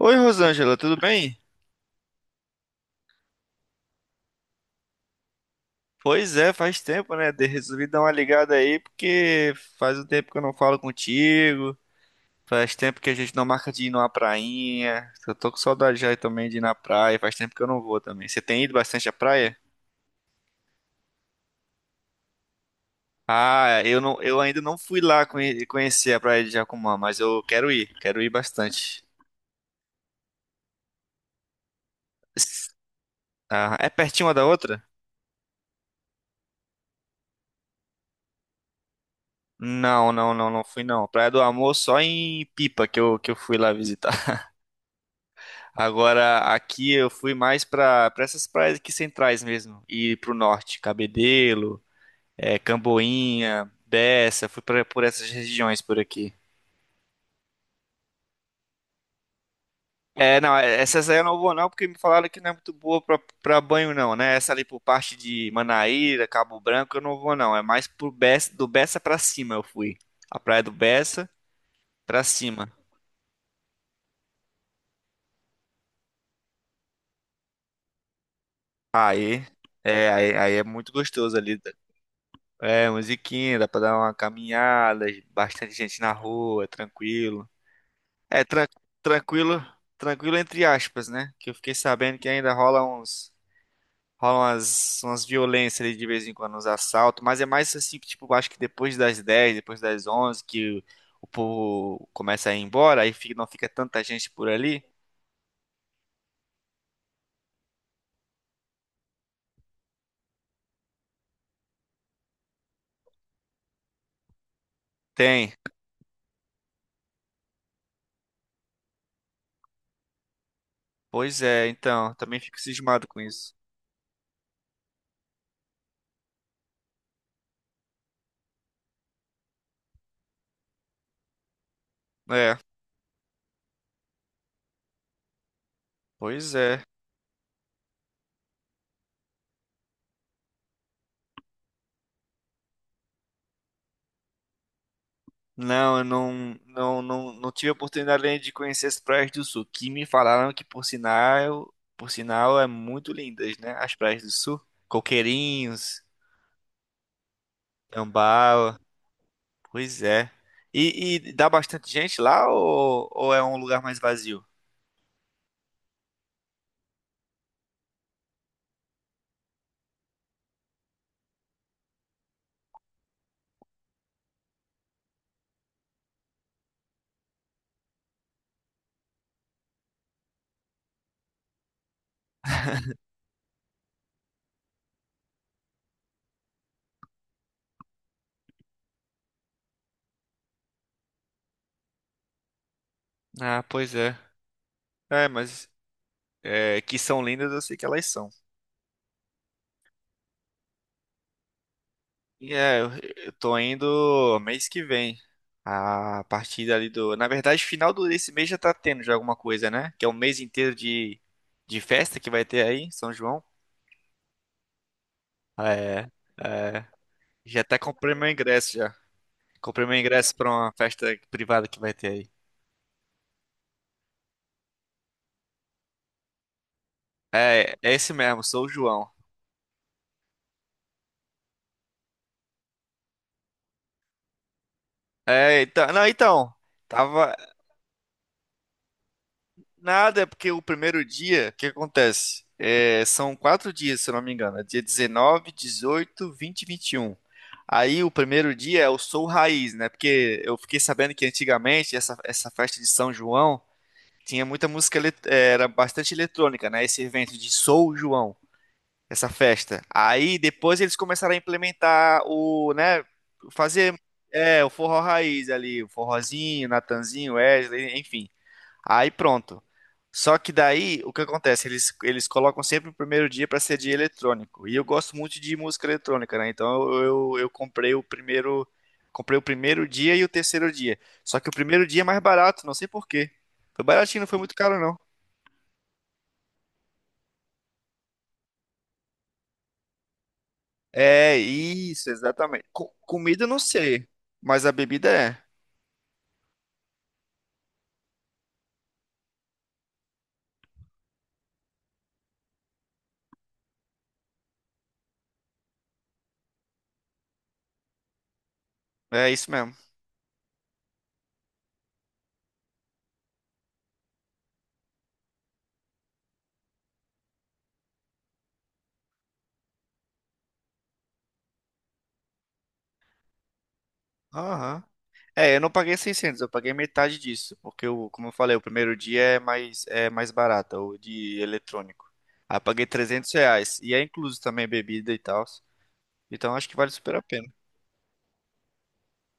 Oi, Rosângela, tudo bem? Pois é, faz tempo, né? Resolvi dar uma ligada aí porque faz um tempo que eu não falo contigo, faz tempo que a gente não marca de ir numa prainha. Eu tô com saudade já também de ir na praia, faz tempo que eu não vou também. Você tem ido bastante à praia? Ah, eu não, eu ainda não fui lá conhecer a praia de Jacumã, mas eu quero ir bastante. S- Ah, é pertinho uma da outra? Não, não, não, não fui não. Praia do Amor só em Pipa que eu fui lá visitar. Agora, aqui eu fui mais para essas praias aqui centrais mesmo, e para o norte, Cabedelo, Camboinha, Bessa, fui por essas regiões por aqui. É, não, essas aí eu não vou não, porque me falaram que não é muito boa para banho não, né? Essa ali por parte de Manaíra, Cabo Branco, eu não vou não, é mais pro Bessa, do Bessa para cima eu fui. A praia do Bessa para cima. Aí, aí é muito gostoso ali. É, musiquinha, dá pra dar uma caminhada, bastante gente na rua, tranquilo. É, tranquilo, tranquilo entre aspas, né? Que eu fiquei sabendo que ainda rola umas violências ali de vez em quando, uns assaltos, mas é mais assim, tipo, acho que depois das 10, depois das 11, que o povo começa a ir embora, aí não fica tanta gente por ali. Tem. Pois é, então, também fico cismado com isso. É, pois é. Não, eu não tive a oportunidade ainda de conhecer as praias do sul, que me falaram que por sinal é muito lindas, né? As praias do sul, Coqueirinhos, Tambaú, pois é. E dá bastante gente lá ou é um lugar mais vazio? Ah, pois é. É, mas é, que são lindas, eu sei que elas são. E É, eu eu tô indo mês que vem. A partir ali do. Na verdade, final desse mês já tá tendo já alguma coisa, né? Que é um mês inteiro de festa que vai ter aí, em São João. É, é. Já até comprei meu ingresso já. Comprei meu ingresso pra uma festa privada que vai ter aí. É, é esse mesmo, sou o João. É, então. Não, então. Tava. Nada, é porque o primeiro dia, o que acontece? É, são 4 dias, se eu não me engano. É dia 19, 18, 20 e 21. Aí o primeiro dia é o Sol Raiz, né? Porque eu fiquei sabendo que antigamente essa festa de São João tinha muita música, era bastante eletrônica, né? Esse evento de Sou João, essa festa. Aí depois eles começaram a implementar o, né? Fazer, o forró raiz ali, o forrozinho, Natanzinho, Wesley, enfim. Aí pronto. Só que daí, o que acontece? Eles colocam sempre o primeiro dia para ser dia eletrônico. E eu gosto muito de música eletrônica, né? Então eu comprei comprei o primeiro dia e o terceiro dia. Só que o primeiro dia é mais barato, não sei por quê. Foi baratinho, não foi muito caro, não. É, isso, exatamente. Comida eu não sei, mas a bebida é. É isso mesmo. Aham. É, eu não paguei 600, eu paguei metade disso, porque como eu falei, o primeiro dia é mais barato, o de eletrônico. Aí eu paguei R$ 300 e é incluso também bebida e tal. Então acho que vale super a pena.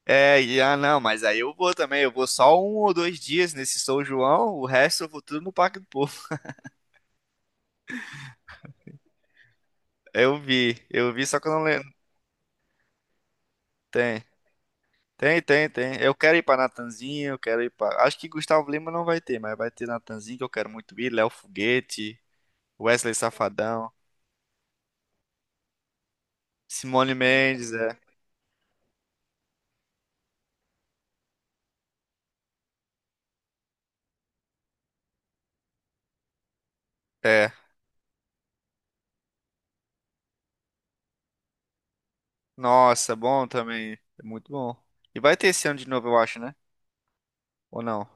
É, não, mas aí eu vou também, eu vou só 1 ou 2 dias nesse São João, o resto eu vou tudo no Parque do Povo. Eu vi, só que eu não lembro. Tem, tem, tem, tem. Eu quero ir pra Natanzinho, eu quero ir pra. Acho que Gustavo Lima não vai ter, mas vai ter Natanzinho que eu quero muito ir, Léo Foguete, Wesley Safadão. Simone Mendes, é. É. Nossa, bom também. É muito bom. E vai ter esse ano de novo, eu acho, né? Ou não?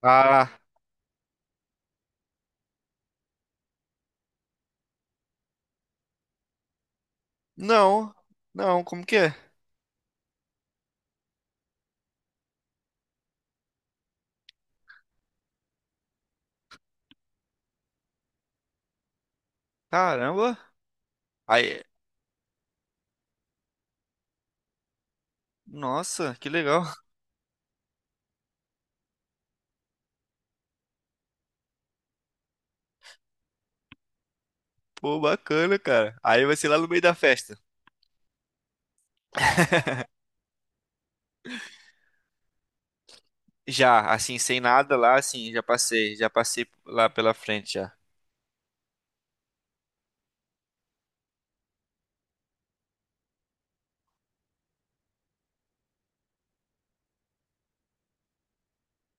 Ah, não. Não, como que é? Caramba. Aí, nossa, que legal. Pô, bacana, cara. Aí vai ser lá no meio da festa. Já, assim, sem nada lá, assim, já passei lá pela frente já.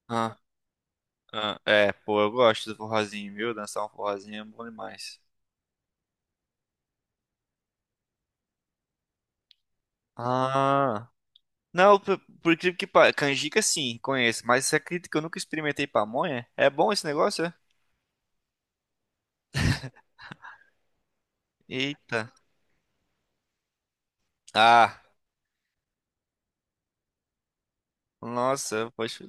Ah, ah, é, pô, eu gosto do forrozinho, viu? Dançar um forrozinho é bom demais. Ah. Não, por incrível que pareça, canjica sim, conheço, mas você acredita que eu nunca experimentei pamonha? É bom esse negócio? É? Eita. Ah, nossa, poxa.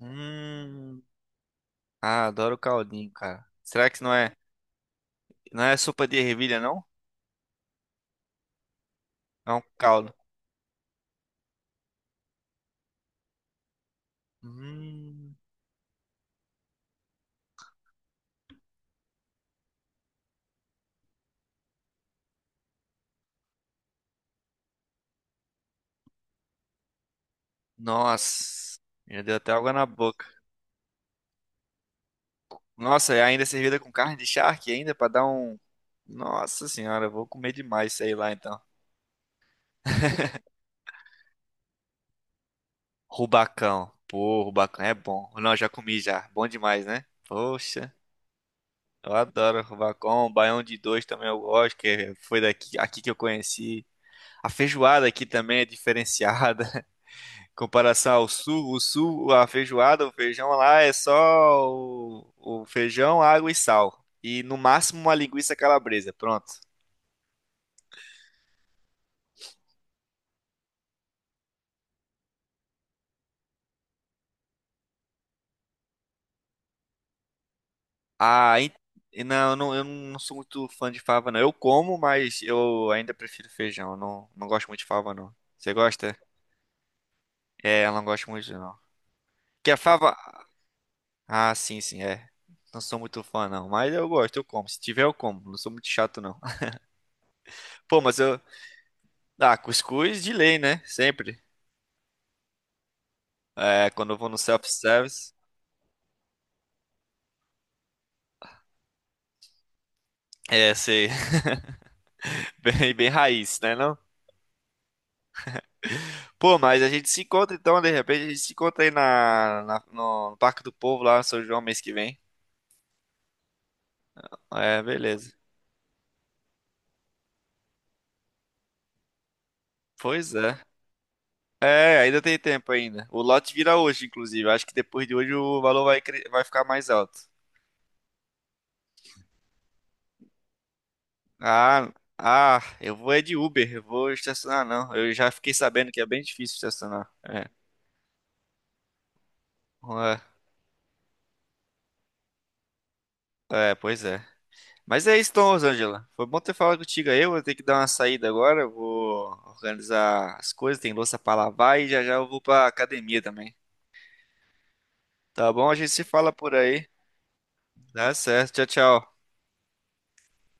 Hum. Ah, adoro caldinho, cara. Será que não é sopa de ervilha, não? É um caldo. Hum. Nossa, já deu até água na boca. Nossa, e ainda servida com carne de charque ainda pra dar um. Nossa senhora, eu vou comer demais isso aí lá então. Rubacão. Pô, rubacão é bom. Não, já comi já. Bom demais, né? Poxa, eu adoro rubacão. Baião de dois também eu gosto, que foi aqui que eu conheci. A feijoada aqui também é diferenciada. Em comparação ao sul, a feijoada, o feijão lá é só o feijão, água e sal. E no máximo uma linguiça calabresa. Pronto. Ah, não, eu não sou muito fã de fava, não. Eu como, mas eu ainda prefiro feijão. Eu não gosto muito de fava, não. Você gosta? É, eu não gosto muito, não. Que a fava. Ah, sim, sim, é. Não sou muito fã, não. Mas eu gosto, eu como. Se tiver, eu como. Não sou muito chato, não. Pô, mas eu. Ah, cuscuz de lei, né? Sempre. É, quando eu vou no self-service. É, sei. Bem, bem raiz, né, não? Pô, mas a gente se encontra então, de repente, a gente se encontra aí no Parque do Povo, lá, em São João, mês que vem. É, beleza. Pois é. É, ainda tem tempo ainda. O lote vira hoje, inclusive. Acho que depois de hoje o valor vai ficar mais alto. Ah, ah, eu vou é de Uber, eu vou estacionar não. Eu já fiquei sabendo que é bem difícil estacionar. É, é, é, pois é. Mas é isso, então, Rosângela. Foi bom ter falado contigo aí. Eu vou ter que dar uma saída agora. Eu vou organizar as coisas, tem louça pra lavar e já já eu vou pra academia também. Tá bom? A gente se fala por aí. Dá certo. Tchau, tchau.